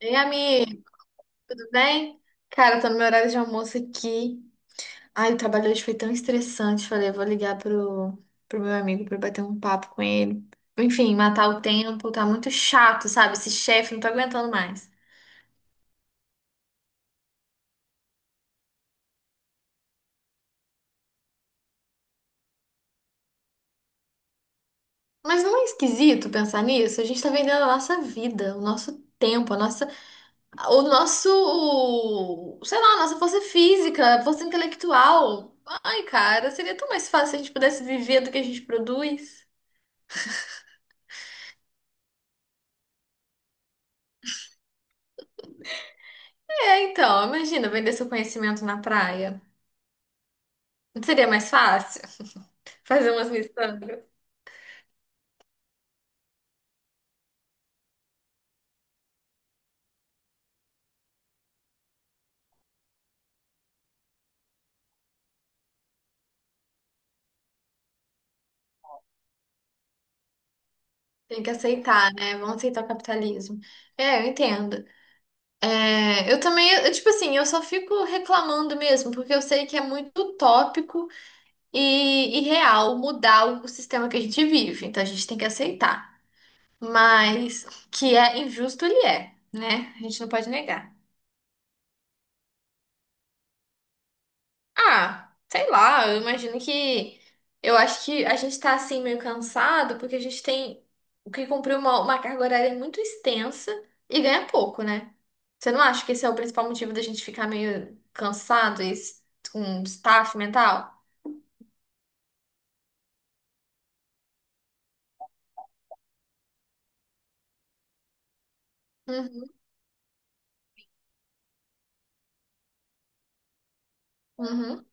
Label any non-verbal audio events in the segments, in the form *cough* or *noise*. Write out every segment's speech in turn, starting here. Ei, amigo, tudo bem? Cara, tô no meu horário de almoço aqui. Ai, o trabalho hoje foi tão estressante. Falei, vou ligar pro meu amigo pra bater um papo com ele. Enfim, matar o tempo, tá muito chato, sabe? Esse chefe, não tô aguentando mais. Mas não é esquisito pensar nisso? A gente tá vendendo a nossa vida, o nosso tempo, a nossa, o nosso, sei lá, a nossa força física, a força intelectual. Ai, cara, seria tão mais fácil se a gente pudesse viver do que a gente produz. É, então, imagina vender seu conhecimento na praia. Não seria mais fácil fazer umas missões? Tem que aceitar, né? Vão aceitar o capitalismo. É, eu entendo. É, eu também, eu, tipo assim, eu só fico reclamando mesmo, porque eu sei que é muito utópico e irreal mudar o sistema que a gente vive. Então a gente tem que aceitar. Mas que é injusto, ele é, né? A gente não pode negar. Ah, sei lá, eu imagino que. Eu acho que a gente tá assim meio cansado porque a gente tem o que cumprir uma carga horária muito extensa e ganha pouco, né? Você não acha que esse é o principal motivo da gente ficar meio cansado e com staff mental? Uhum, uhum.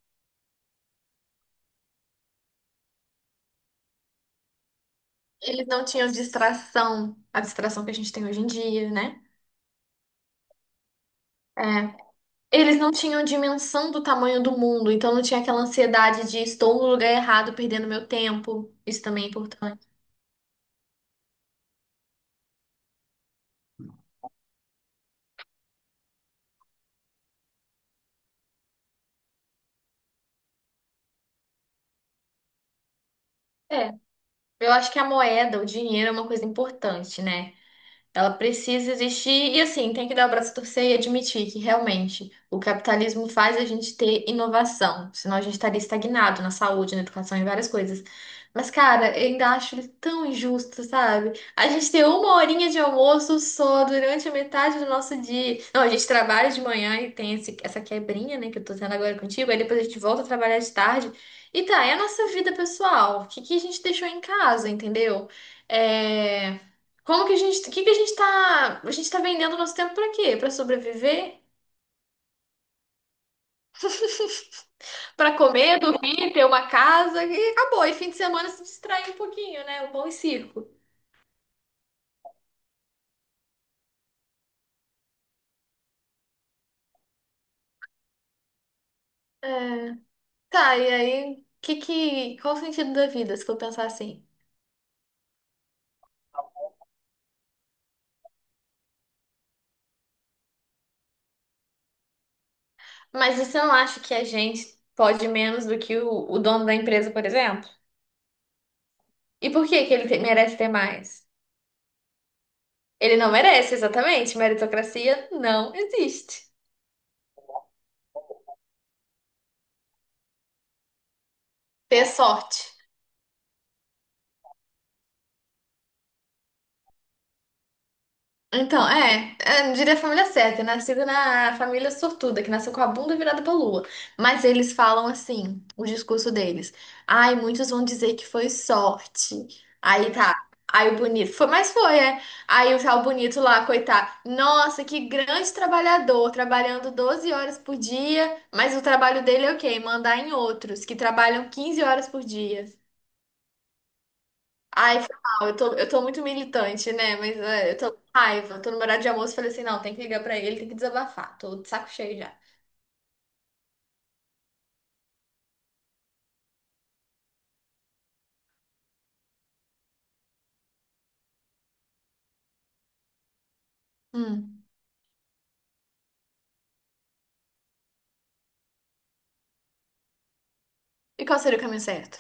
Eles não tinham distração, a distração que a gente tem hoje em dia, né? É. Eles não tinham dimensão do tamanho do mundo, então não tinha aquela ansiedade de estou no lugar errado, perdendo meu tempo. Isso também é importante. Eu acho que a moeda, o dinheiro é uma coisa importante, né? Ela precisa existir e, assim, tem que dar o braço a torcer e admitir que realmente o capitalismo faz a gente ter inovação, senão a gente estaria estagnado na saúde, na educação e várias coisas. Mas, cara, eu ainda acho ele tão injusto, sabe? A gente ter uma horinha de almoço só durante a metade do nosso dia. Não, a gente trabalha de manhã e tem essa quebrinha, né, que eu tô tendo agora contigo, aí depois a gente volta a trabalhar de tarde. E tá, é a nossa vida pessoal. O que que a gente deixou em casa, entendeu? É. Como que a gente, o que que a gente tá vendendo nosso tempo pra quê? Pra sobreviver? Pra comer, dormir, ter uma casa e acabou. E fim de semana se distrair um pouquinho, né? O pão e circo. É. Tá, e aí, que, qual o sentido da vida, se for pensar assim? Mas você não acha que a gente pode menos do que o dono da empresa, por exemplo? E por que que ele merece ter mais? Ele não merece, exatamente. Meritocracia não existe. Ter sorte. Então, é, é, eu diria a família certa, nascida na família sortuda, que nasceu com a bunda virada pra lua. Mas eles falam assim, o discurso deles. Ai, muitos vão dizer que foi sorte. Aí tá, aí o bonito, foi, mas foi, é. Aí o tal bonito lá, coitado. Nossa, que grande trabalhador, trabalhando 12 horas por dia, mas o trabalho dele é o quê? Mandar em outros, que trabalham 15 horas por dia. Ai, foi mal, eu tô muito militante, né? Mas é, eu tô com raiva, tô no horário de almoço, falei assim, não, tem que ligar pra ele, tem que desabafar, tô de saco cheio já. Hum. E qual seria o caminho certo?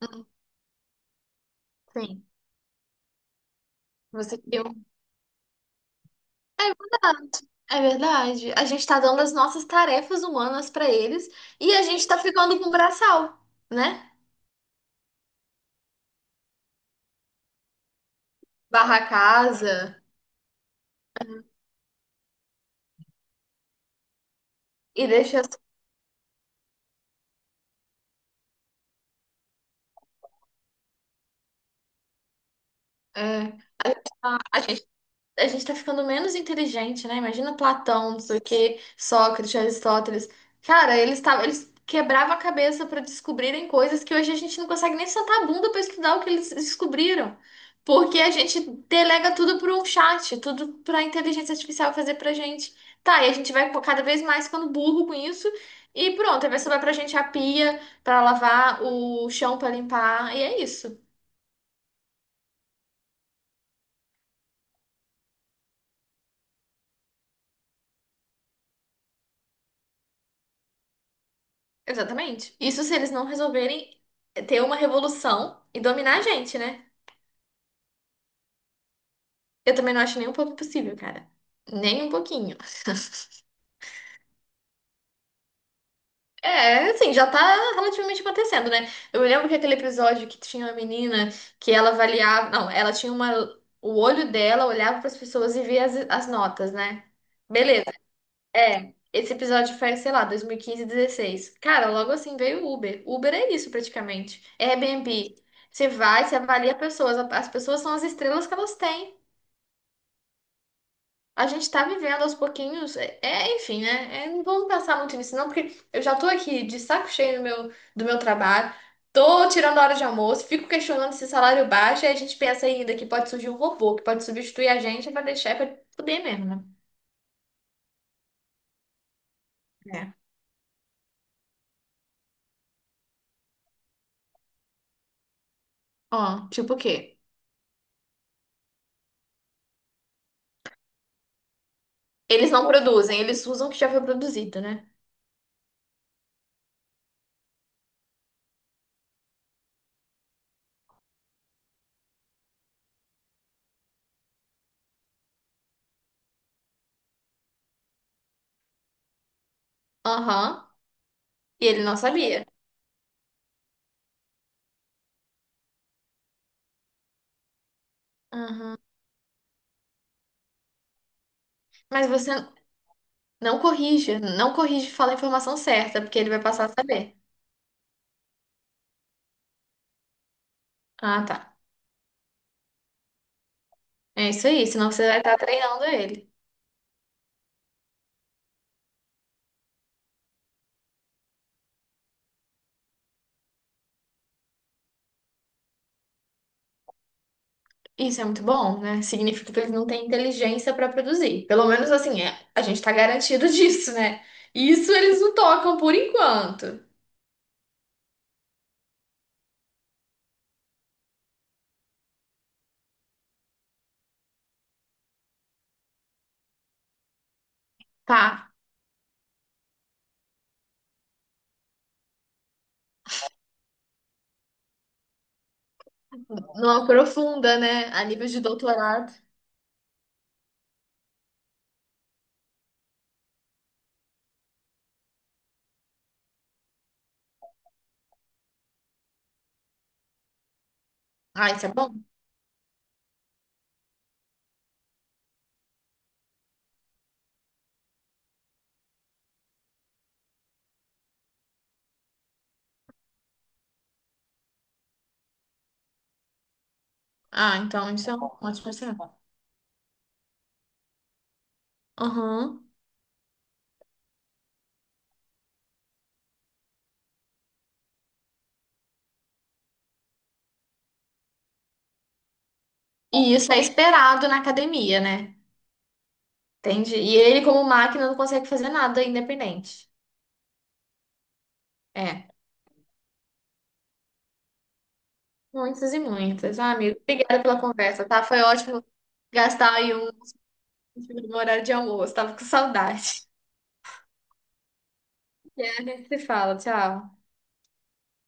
Hum, sim, você que eu. É verdade, é verdade. A gente tá dando as nossas tarefas humanas pra eles e a gente tá ficando com o braçal, né? Barra a casa e deixa... as- É. Ah, a gente tá ficando menos inteligente, né? Imagina Platão, não sei o quê, Sócrates, Aristóteles. Cara, eles tavam, eles quebravam a cabeça para descobrirem coisas que hoje a gente não consegue nem sentar a bunda para estudar o que eles descobriram. Porque a gente delega tudo para um chat, tudo para a inteligência artificial fazer pra gente. Tá, e a gente vai cada vez mais ficando burro com isso. E pronto, aí vai sobrar pra gente a pia para lavar, o chão para limpar, e é isso. Exatamente. Isso se eles não resolverem ter uma revolução e dominar a gente, né? Eu também não acho nem um pouco possível, cara. Nem um pouquinho. É, assim, já tá relativamente acontecendo, né? Eu me lembro que aquele episódio que tinha uma menina que ela avaliava. Não, ela tinha uma. O olho dela olhava para as pessoas e via as notas, né? Beleza. É, esse episódio foi, sei lá, 2015, 2016. Cara, logo assim veio o Uber. Uber é isso praticamente. É Airbnb. Você vai, você avalia pessoas. As pessoas são as estrelas que elas têm. A gente tá vivendo aos pouquinhos. É, é, enfim, né? É, não vamos pensar muito nisso, não, porque eu já tô aqui de saco cheio do meu trabalho. Tô tirando hora de almoço, fico questionando se salário baixo, e a gente pensa ainda que pode surgir um robô que pode substituir a gente pra deixar pra poder mesmo, né? É. Ó, tipo o quê? Eles não produzem, eles usam o que já foi produzido, né? Aham. E ele não sabia. Aham. Mas você não corrija, não corrige e fala a informação certa, porque ele vai passar a saber. Ah, tá. É isso aí, senão você vai estar treinando ele. Isso é muito bom, né? Significa que ele não tem inteligência para produzir. Pelo menos assim, é, a gente tá garantido *laughs* disso, né? Isso eles não tocam por enquanto. Tá. Não aprofunda, né? A nível de doutorado. Ah, isso é bom. Ah, então isso é um ótimo sinal. Aham. E isso é esperado na academia, né? Entende? E ele, como máquina, não consegue fazer nada independente. É. Muitas e muitas. Ah, amigo, obrigada pela conversa, tá? Foi ótimo gastar aí um no horário de almoço. Tava com saudade. *laughs* E a gente se fala. Tchau.